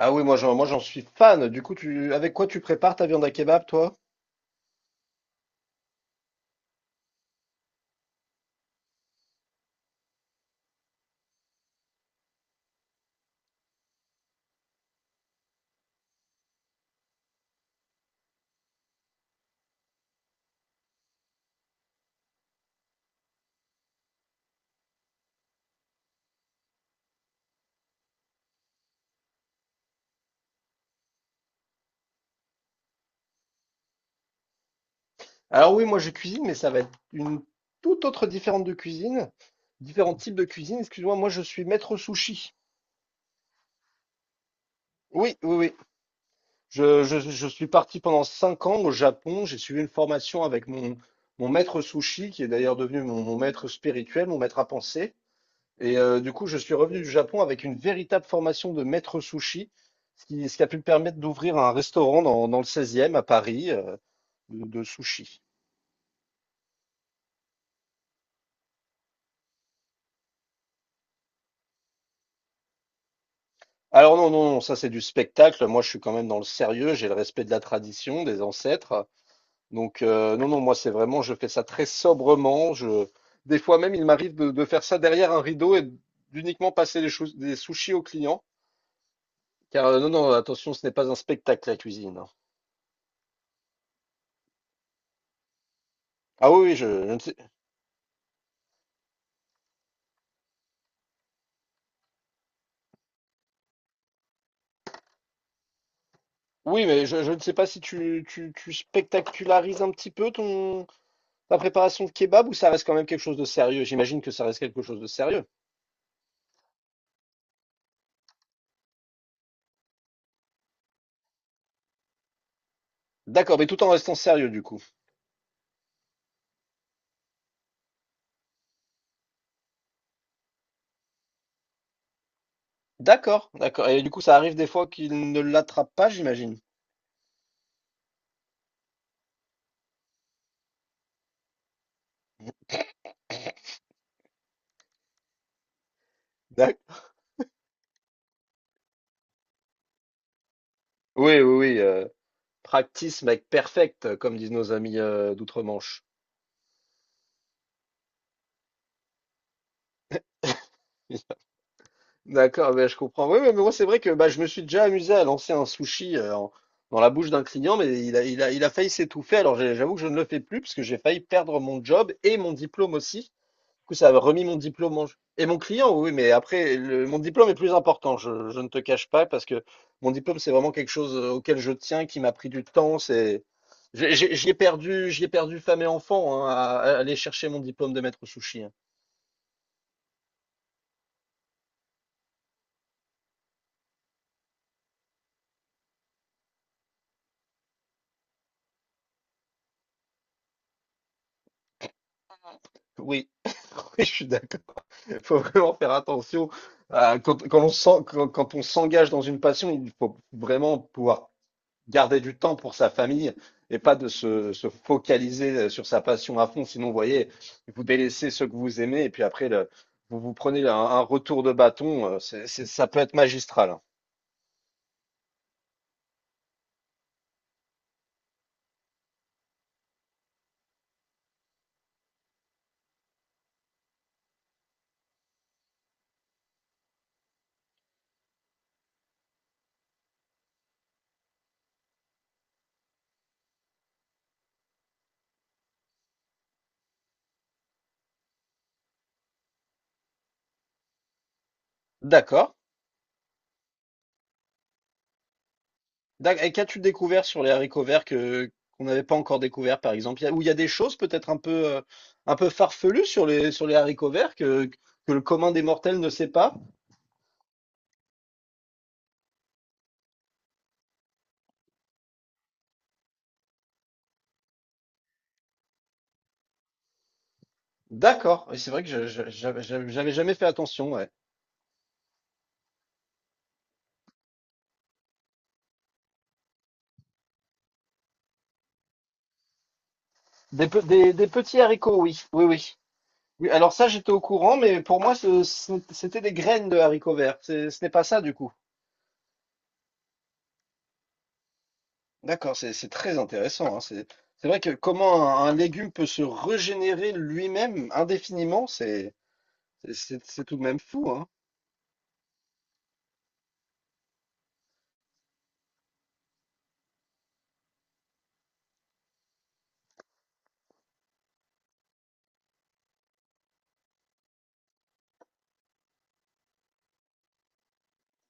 Ah oui, moi j'en suis fan. Du coup, avec quoi tu prépares ta viande à kebab, toi? Alors oui, moi je cuisine, mais ça va être une toute autre différente de cuisine, différents types de cuisine. Excuse-moi, moi je suis maître sushi. Oui, oui, oui. Je suis parti pendant 5 ans au Japon. J'ai suivi une formation avec mon maître sushi, qui est d'ailleurs devenu mon maître spirituel, mon maître à penser. Et du coup, je suis revenu du Japon avec une véritable formation de maître sushi, ce qui a pu me permettre d'ouvrir un restaurant dans le 16e à Paris, de sushi. Alors non, non, non, ça c'est du spectacle. Moi, je suis quand même dans le sérieux. J'ai le respect de la tradition, des ancêtres. Donc non, non, moi c'est vraiment, je fais ça très sobrement. Des fois même, il m'arrive de faire ça derrière un rideau et d'uniquement passer des sushis aux clients. Car non, non, attention, ce n'est pas un spectacle la cuisine. Ah oui, oui, je ne... Oui, mais je ne sais pas si tu spectacularises un petit peu ta préparation de kebab, ou ça reste quand même quelque chose de sérieux. J'imagine que ça reste quelque chose de sérieux. D'accord, mais tout en restant sérieux du coup. D'accord, d'accord. Et du coup, ça arrive des fois qu'il ne l'attrape pas, j'imagine. D'ac- Oui, oui, oui. Euh, practice make perfect, comme disent nos amis d'outre-Manche. D'accord, ben, je comprends. Oui, oui, mais moi, c'est vrai que bah, je me suis déjà amusé à lancer un sushi, dans la bouche d'un client, mais il a failli s'étouffer. Alors, j'avoue que je ne le fais plus parce que j'ai failli perdre mon job et mon diplôme aussi. Du coup, ça a remis mon diplôme en jeu. Et mon client, oui, mais après, mon diplôme est plus important. Je ne te cache pas parce que mon diplôme, c'est vraiment quelque chose auquel je tiens, qui m'a pris du temps. J'y ai perdu femme et enfant, hein, à aller chercher mon diplôme de maître sushi, hein. Oui, oui, je suis d'accord. Il faut vraiment faire attention. Quand on s'engage dans une passion, il faut vraiment pouvoir garder du temps pour sa famille et pas de se focaliser sur sa passion à fond. Sinon, vous voyez, vous délaissez ceux que vous aimez et puis après, vous vous prenez un retour de bâton. Ça peut être magistral, hein. D'accord. Et qu'as-tu découvert sur les haricots verts que qu'on n'avait pas encore découvert, par exemple? Ou il y a des choses peut-être un peu farfelues sur les haricots verts que le commun des mortels ne sait pas? D'accord. Et c'est vrai que j'avais jamais fait attention. Ouais. Des petits haricots, oui, oui, oui. Oui, alors ça, j'étais au courant, mais pour moi, c'était des graines de haricots verts. Ce n'est pas ça, du coup. D'accord, c'est très intéressant, hein. C'est vrai que comment un légume peut se régénérer lui-même indéfiniment, c'est... C'est tout de même fou, hein.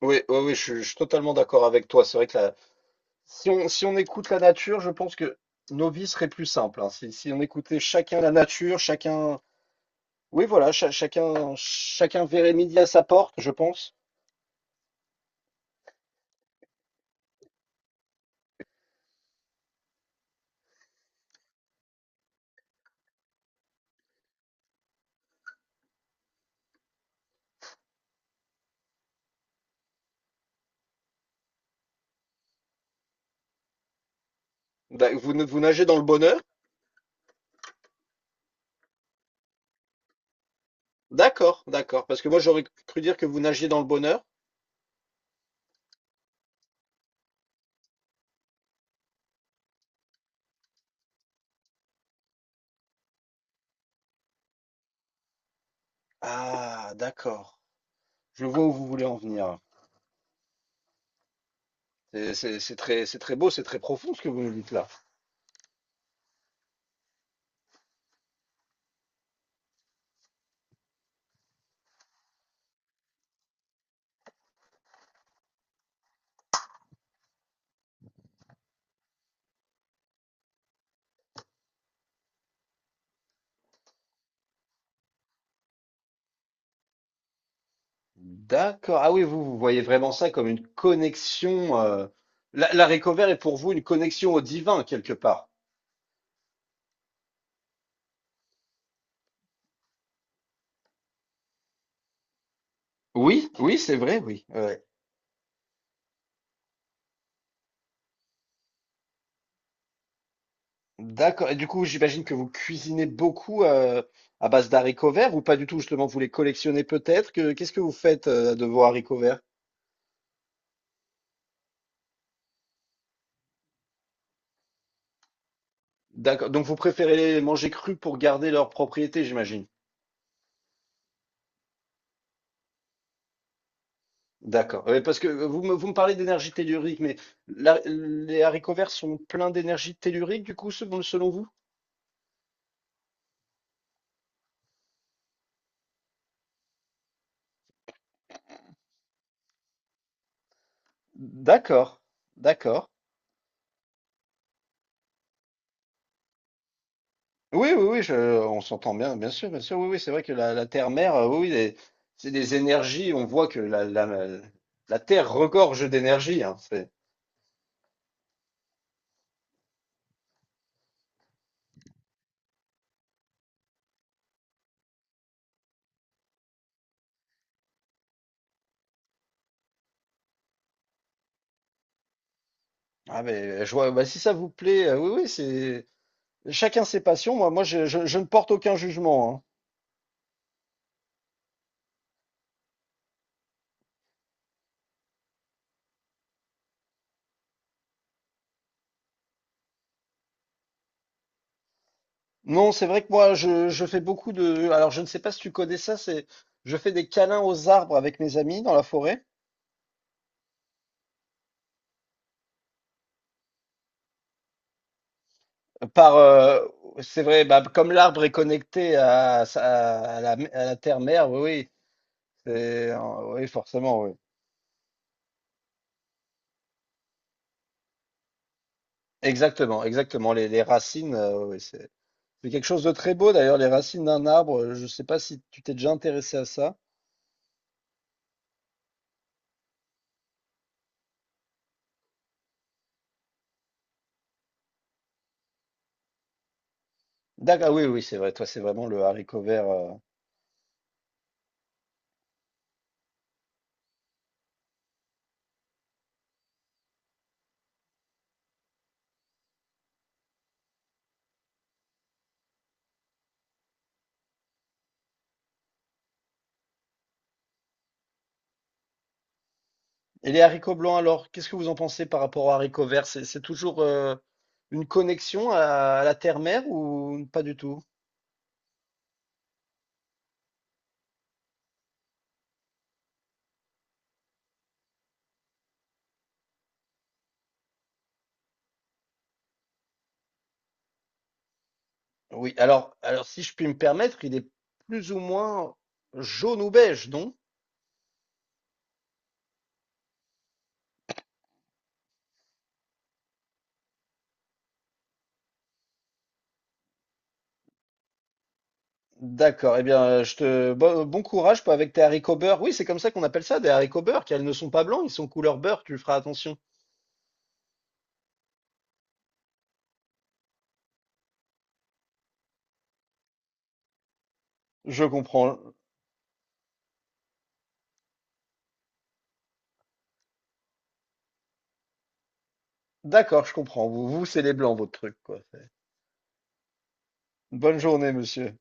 Oui, oui, oui, je suis totalement d'accord avec toi. C'est vrai que si on écoute la nature, je pense que nos vies seraient plus simples, hein. Si on écoutait chacun la nature, chacun, oui, voilà, chacun verrait midi à sa porte, je pense. D'a- Vous, ne- vous nagez dans le bonheur? D'accord, d'accord. Parce que moi, j'aurais cru dire que vous nagiez dans le bonheur. Ah, d'accord. Je vois où vous voulez en venir. C'est très beau, c'est très profond ce que vous nous dites là. D'accord. Ah oui, vous voyez vraiment ça comme une connexion. La Recover est pour vous une connexion au divin, quelque part. Oui, oui, c'est vrai, oui. Ouais. D'accord. Et du coup, j'imagine que vous cuisinez beaucoup, à base d'haricots verts, ou pas du tout, justement, vous les collectionnez peut-être. Qu'est-ce que vous faites de vos haricots verts? D'accord. Donc, vous préférez les manger crus pour garder leurs propriétés, j'imagine. D'accord. Ouais, parce que vous me parlez d'énergie tellurique, mais les haricots verts sont pleins d'énergie tellurique, du coup, selon vous? D'accord, d'accord. Oui, oui, oui, on s'entend bien, bien sûr, bien sûr. Oui, oui, c'est vrai que la Terre-mère, oui, oui, c'est des énergies. On voit que la Terre regorge d'énergie, hein, ah, mais je vois, bah, si ça vous plaît, oui, oui, c'est chacun ses passions. Moi, je ne porte aucun jugement, hein. Non, c'est vrai que moi, je fais beaucoup de... Alors, je ne sais pas si tu connais ça. Je fais des câlins aux arbres avec mes amis dans la forêt. Par, euh, c'est vrai, bah, comme l'arbre est connecté à la terre-mère, oui, oui, oui, forcément, oui. Exactement, exactement. Les racines, oui, oui, c'est quelque chose de très beau d'ailleurs, les racines d'un arbre. Je ne sais pas si tu t'es déjà intéressé à ça. D'accord, oui, oui, c'est vrai. Toi, c'est vraiment le haricot vert. Et les haricots blancs, alors, qu'est-ce que vous en pensez par rapport aux haricots verts? C'est toujours une connexion à la terre-mère, ou pas du tout? Oui, alors si je puis me permettre, il est plus ou moins jaune ou beige, non? D'accord, eh bien, je te bon courage avec tes haricots beurre. Oui, c'est comme ça qu'on appelle ça, des haricots beurre, car ils ne sont pas blancs, ils sont couleur beurre, tu feras attention. Je comprends. D'accord, je comprends. Vous, vous, c'est les blancs, votre truc, quoi. Bonne journée, monsieur.